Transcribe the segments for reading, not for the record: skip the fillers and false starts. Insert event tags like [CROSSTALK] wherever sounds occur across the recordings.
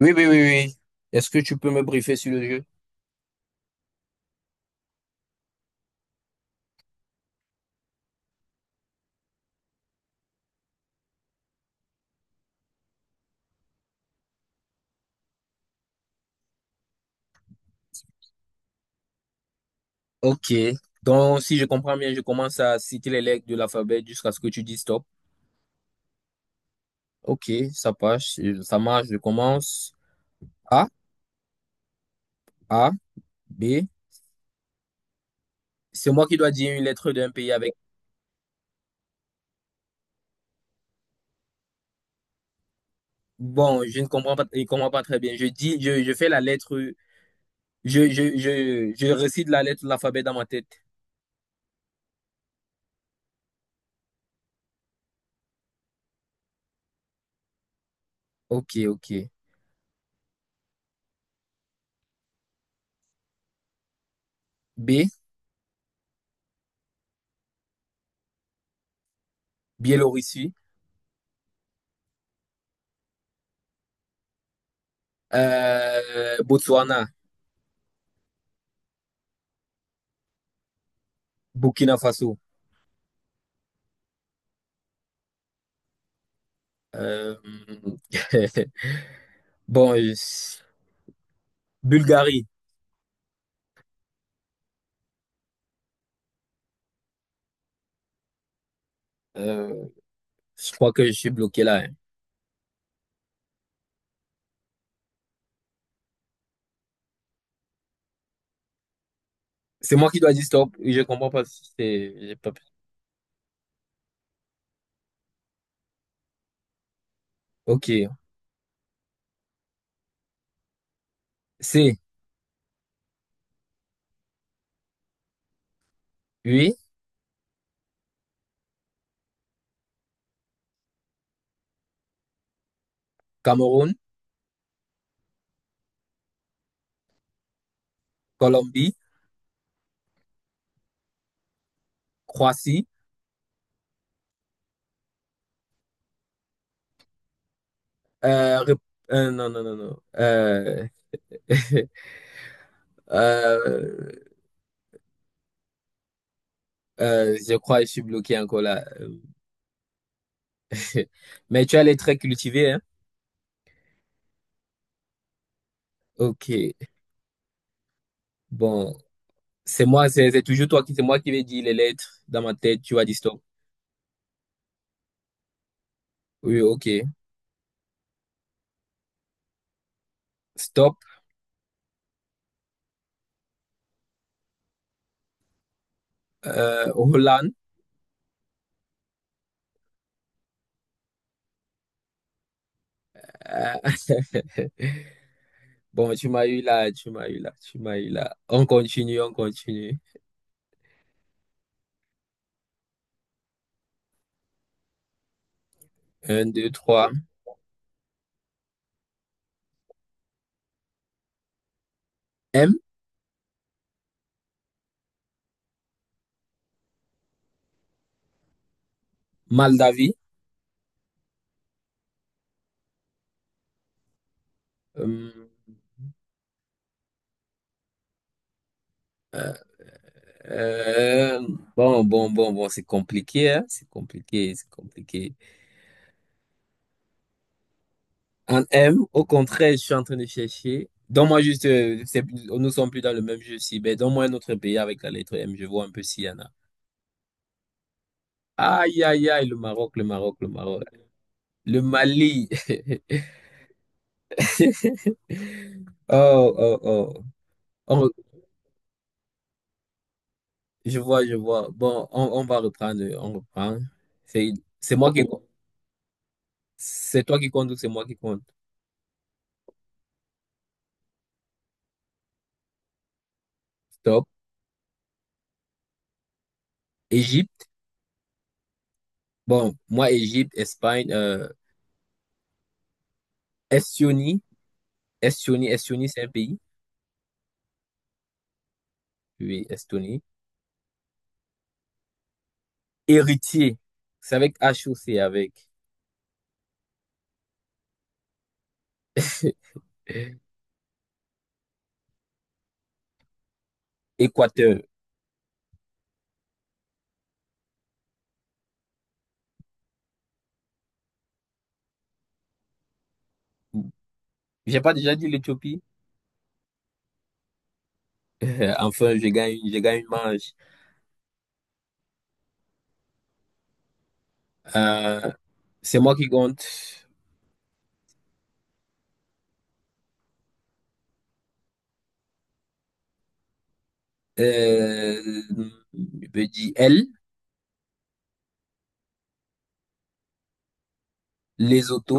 Oui, oui, oui, oui. Est-ce que tu peux me briefer sur le jeu? Ok. Donc, si je comprends bien, je commence à citer les lettres de l'alphabet jusqu'à ce que tu dis stop. Ok, ça passe, ça marche. Je commence. A, A, B. C'est moi qui dois dire une lettre d'un pays avec. Bon, je ne comprends pas, je comprends pas très bien. Je dis, je fais la lettre, je récite la lettre de l'alphabet dans ma tête. Ok, ok. B, Biélorussie. Botswana, Burkina Faso. Euh, [LAUGHS] Bon, Bulgarie, euh, je crois que je suis bloqué là, hein. C'est moi qui dois dire stop. Je comprends pas. Si c'est, j'ai pas- Ok. C, oui. Cameroun, Colombie, Croatie. Rép- non, non, non, non. [LAUGHS] Euh, je crois que je suis bloqué encore là. [LAUGHS] Mais tu as les traits cultivés, hein? Ok. Bon, c'est moi, c'est toujours toi qui, c'est moi qui vais dire les lettres dans ma tête. Tu vas dire stop. Oui, ok. Stop. Hollande. Ah, [LAUGHS] Bon, tu m'as eu là, tu m'as eu là, tu m'as eu là. On continue, on continue. Un, deux, trois. M, mal d'avis. Hum, euh, bon, bon, bon, bon, c'est compliqué, hein, c'est compliqué, c'est compliqué. En M, au contraire, je suis en train de chercher. Donne-moi juste, c'est- nous sommes plus dans le même jeu si, mais donne-moi un autre pays avec la lettre M, je vois un peu s'il y en a. Aïe, aïe, aïe, le Maroc, le Maroc, le Maroc. Le Mali. [LAUGHS] Oh, oh, oh. Je vois, je vois. Bon, on va reprendre, on reprend. C'est, c'est moi qui, c'est toi qui compte ou c'est moi qui compte? Stop. Égypte. Bon, moi, Égypte, Espagne, Estonie. Estonie, Estonie, c'est un pays. Oui, Estonie. Héritier. C'est avec H ou c'est avec [LAUGHS] Équateur. J'ai pas déjà dit l'Éthiopie? [LAUGHS] Enfin, je gagne une manche. Euh, c'est moi qui compte. Euh, je peux dire L, Lesotho,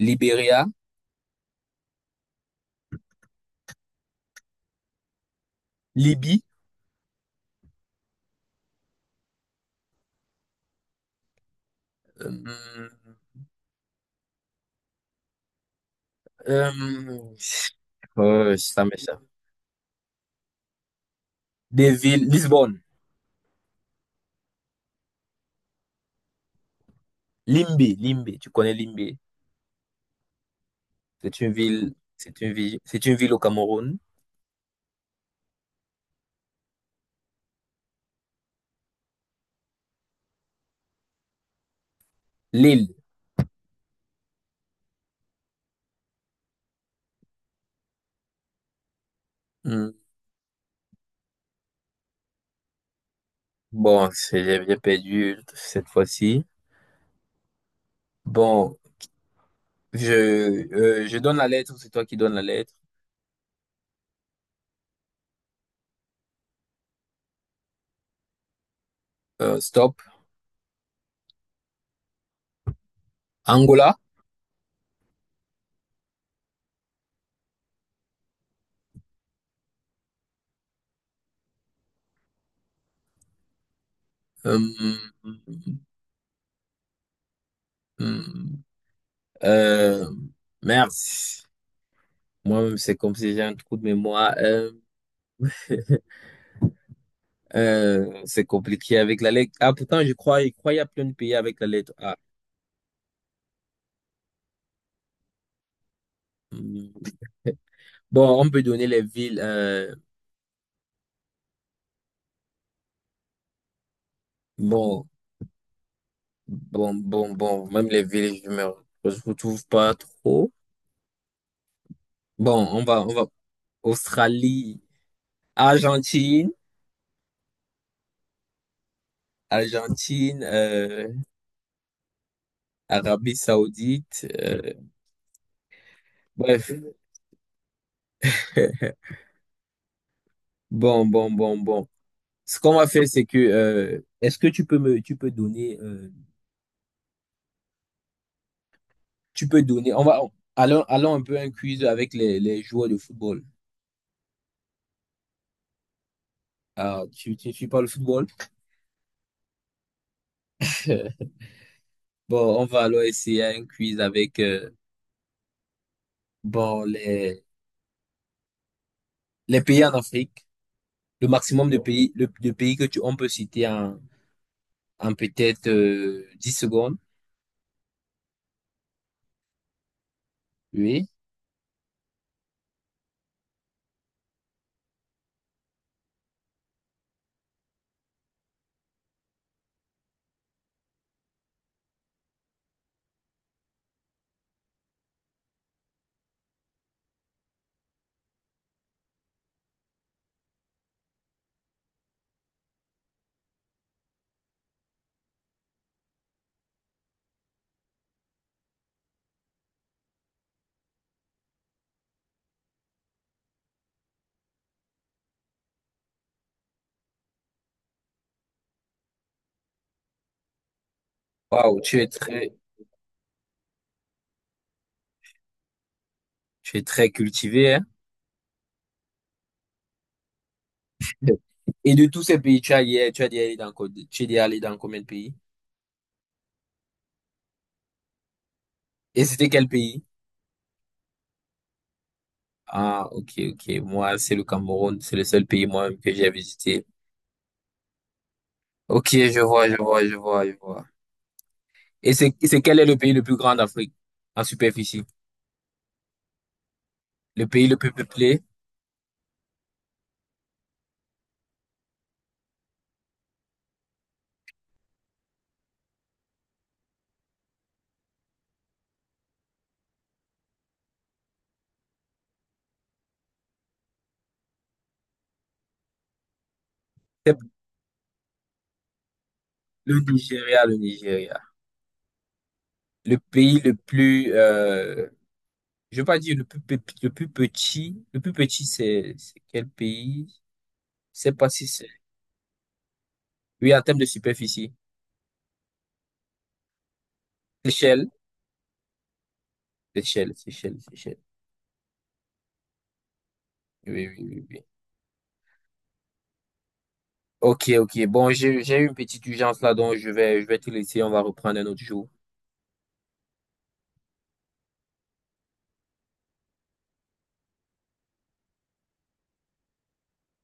Libéria. Libye, euh, euh, ça m'échappe. Des villes, Lisbonne, Limbé, Limbé, tu connais Limbé. C'est une ville, c'est une ville, c'est une ville au Cameroun. Lille. Hmm, bon, c'est- j'ai perdu cette fois-ci. Bon, je, je donne la lettre, c'est toi qui donnes la lettre. Stop. Angola. Hmm, hmm. euh, merci. Moi-même, c'est comme si j'ai un trou de mémoire. C'est compliqué avec la lettre A. Pourtant, je crois qu'il y a plein de pays avec la lettre A. Hmm. Bon, on peut donner les villes. Bon, bon, bon, bon. Même les villes, je vous trouve pas trop. Bon, on va. Australie, Argentine, Argentine, Arabie Saoudite. Bref. [LAUGHS] Bon, bon, bon, bon. Ce qu'on va faire, c'est que, est-ce que tu peux donner, tu peux donner. Allons, allons un peu un quiz avec les joueurs de football. Alors, tu ne suis pas le football? [LAUGHS] Bon, on va alors essayer un quiz avec bon, les pays en Afrique. Le maximum de pays, de pays que on peut citer en, en peut-être 10 secondes. Oui. Waouh, tu es très cultivé, hein? [LAUGHS] Et de tous ces pays, tu as dit aller dans, co- tu es allé dans combien de pays? Et c'était quel pays? Ah, ok, ok. Moi, c'est le Cameroun. C'est le seul pays moi-même que j'ai visité. Ok, je vois, je vois, je vois, je vois. Et c'est quel est le pays le plus grand d'Afrique en superficie? Le pays le plus peuplé? C'est le Nigeria, le Nigeria. Le pays le plus, je veux pas dire le plus, pe- le plus petit. Le plus petit, c'est quel pays? Je sais pas si c'est, oui, en termes de superficie. Seychelles, Seychelles, Seychelles, Seychelles. Oui, oui, oui, oui. Ok, ok. Bon, j'ai eu une petite urgence là, donc je vais te laisser. On va reprendre un autre jour.